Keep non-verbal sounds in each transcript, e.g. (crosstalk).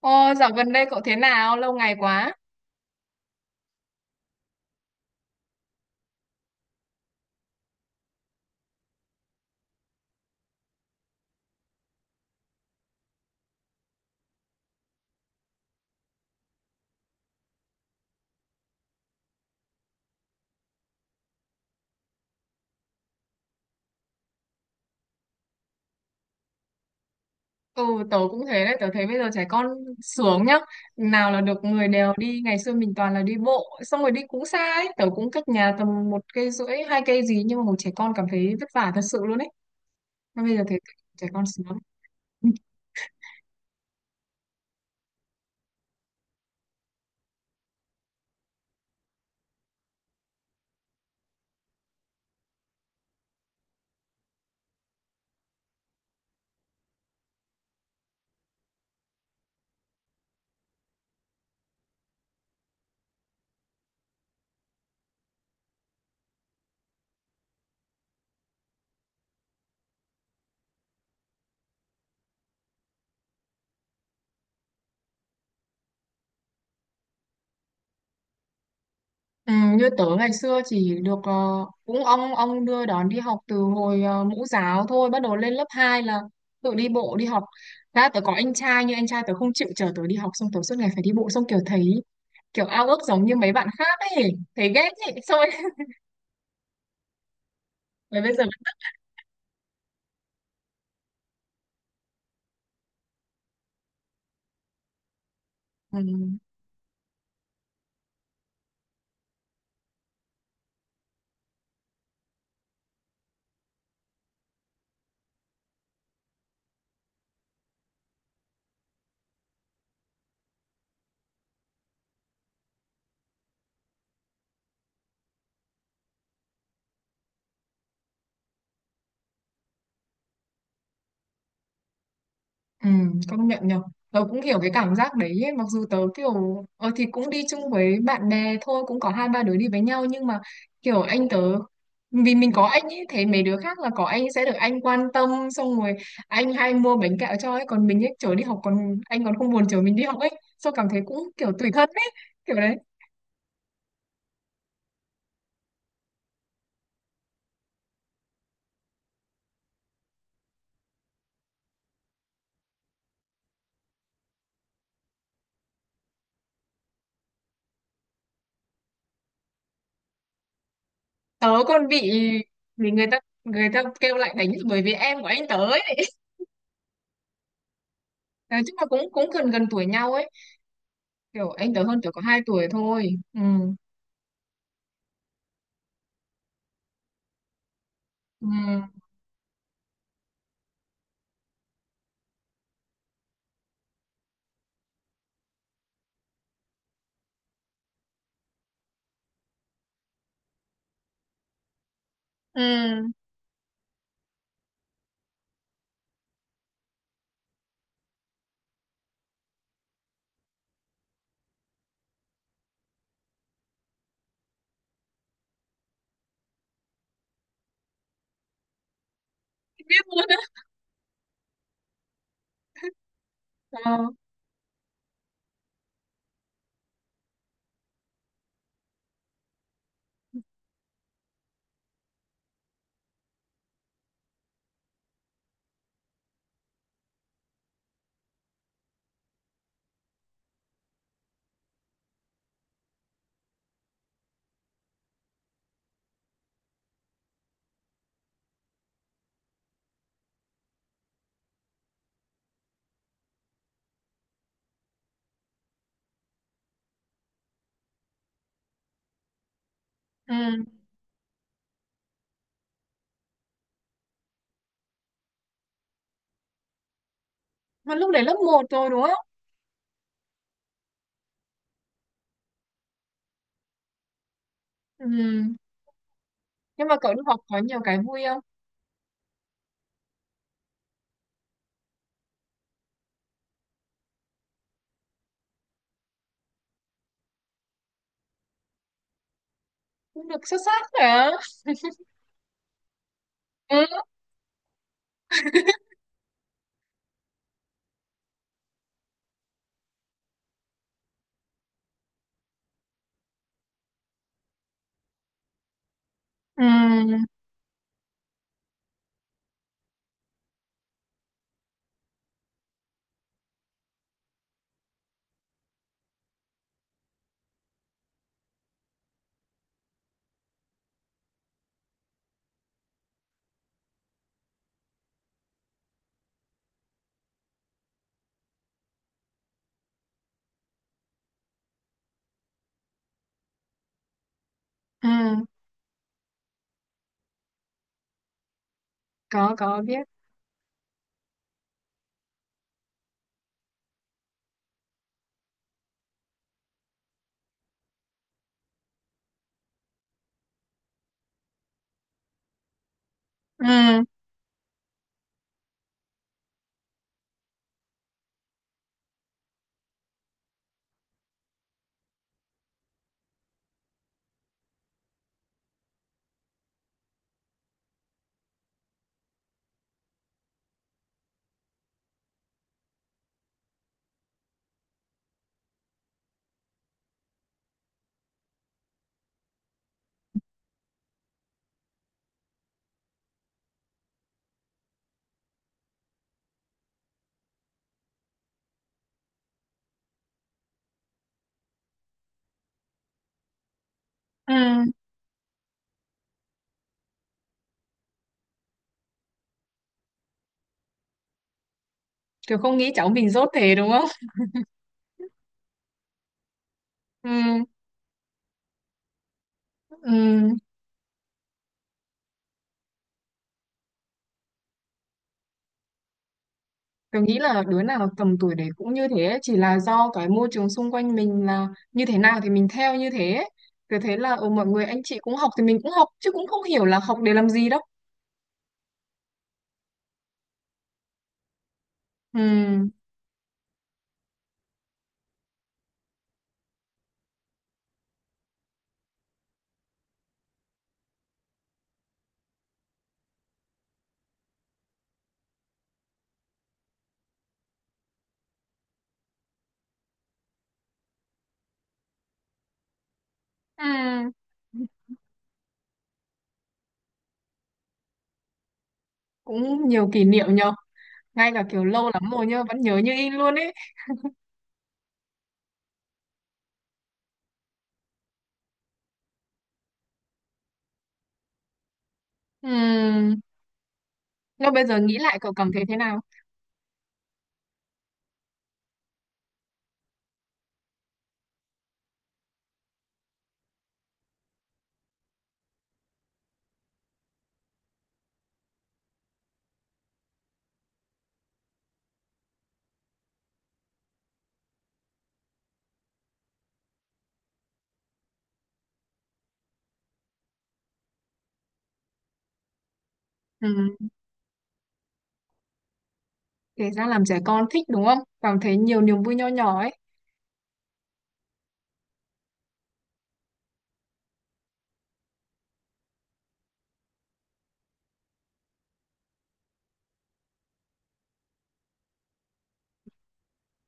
Ô, dạo gần đây cậu thế nào? Lâu ngày quá. Ừ, tớ cũng thế đấy. Tớ thấy bây giờ trẻ con sướng nhá. Nào là được người đều đi. Ngày xưa mình toàn là đi bộ. Xong rồi đi cũng xa ấy. Tớ cũng cách nhà tầm một cây rưỡi, hai cây gì. Nhưng mà một trẻ con cảm thấy vất vả thật sự luôn ấy. Mà bây giờ thấy trẻ con sướng. Ừ, như tớ ngày xưa chỉ được cũng ông đưa đón đi học từ hồi mẫu giáo thôi, bắt đầu lên lớp 2 là tự đi bộ đi học ra. Tớ có anh trai nhưng anh trai tớ không chịu chở tớ đi học, xong tớ suốt ngày phải đi bộ, xong kiểu thấy kiểu ao ước giống như mấy bạn khác ấy, thấy ghét ấy thôi rồi. (laughs) Rồi bây giờ, ừ, ừ, công nhận nhở, tớ cũng hiểu cái cảm giác đấy ấy. Mặc dù tớ kiểu ờ thì cũng đi chung với bạn bè thôi, cũng có hai ba đứa đi với nhau, nhưng mà kiểu anh tớ, vì mình có anh ấy, thấy mấy đứa khác là có anh sẽ được anh quan tâm, xong rồi anh hay mua bánh kẹo cho ấy, còn mình ấy chở đi học còn anh còn không buồn chở mình đi học ấy, xong cảm thấy cũng kiểu tủi thân ấy, kiểu đấy. Tớ còn bị bị người ta người ta kêu lại đánh bởi vì em của anh tớ ấy. Đấy, tức là cũng cũng gần gần tuổi nhau ấy, kiểu anh tớ hơn tớ có hai tuổi thôi. Ừ, ừ, ừ, biết luôn á. Ờ, ừ, mà lúc đấy lớp một rồi đúng không? Ừ, nhưng mà cậu đi học có nhiều cái vui không? Cũng được xuất sắc hả? Ừ, ừ, ừ, có biết. Ừ, ừ, kiểu không nghĩ cháu mình dốt thế đúng không? Ừ, ừ, tôi nghĩ là đứa nào tầm tuổi đấy cũng như thế ấy, chỉ là do cái môi trường xung quanh mình là như thế nào thì mình theo như thế ấy. Tớ thấy là ừ, mọi người anh chị cũng học thì mình cũng học chứ cũng không hiểu là học để làm gì đâu. Ừ. Ừ. Cũng nhiều kỷ niệm nhờ. Ngay cả kiểu lâu lắm rồi nhá, vẫn nhớ như in luôn ấy. Ừ. Nhưng bây giờ nghĩ lại cậu cảm thấy thế nào? Ừ. Kể ra làm trẻ con thích đúng không? Cảm thấy nhiều niềm vui nho nhỏ ấy.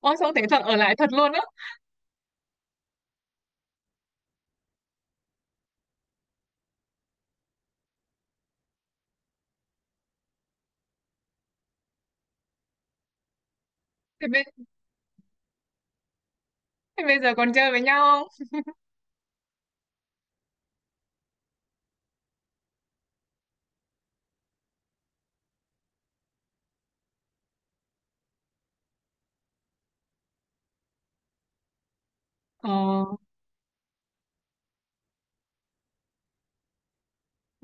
Ôi xong thế thật ở lại thật luôn á. Thế bây, thế bây giờ còn chơi với nhau không? Ờ.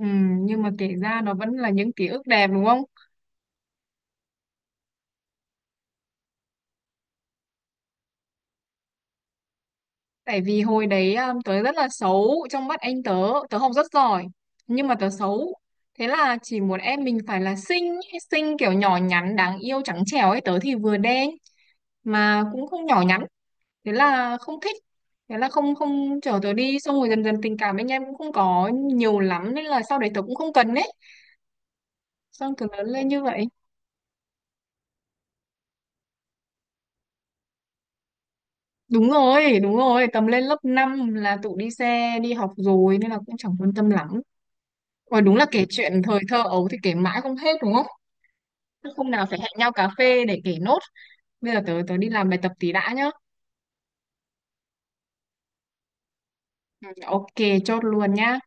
Ừ, nhưng mà kể ra nó vẫn là những ký ức đẹp đúng không? Tại vì hồi đấy tớ rất là xấu trong mắt anh tớ, tớ học rất giỏi nhưng mà tớ xấu. Thế là chỉ muốn em mình phải là xinh, ý, xinh kiểu nhỏ nhắn đáng yêu trắng trẻo ấy, tớ thì vừa đen mà cũng không nhỏ nhắn, thế là không thích. Thế là không không chở tớ đi, xong rồi dần dần tình cảm anh em cũng không có nhiều lắm nên là sau đấy tớ cũng không cần ấy. Xong tớ lớn lên như vậy. Đúng rồi, tầm lên lớp 5 là tụi đi xe, đi học rồi nên là cũng chẳng quan tâm lắm. Rồi đúng là kể chuyện thời thơ ấu thì kể mãi không hết đúng không? Hôm nào phải hẹn nhau cà phê để kể nốt. Bây giờ tớ tớ đi làm bài tập tí đã nhá. Ừ, Ok, chốt luôn nhá.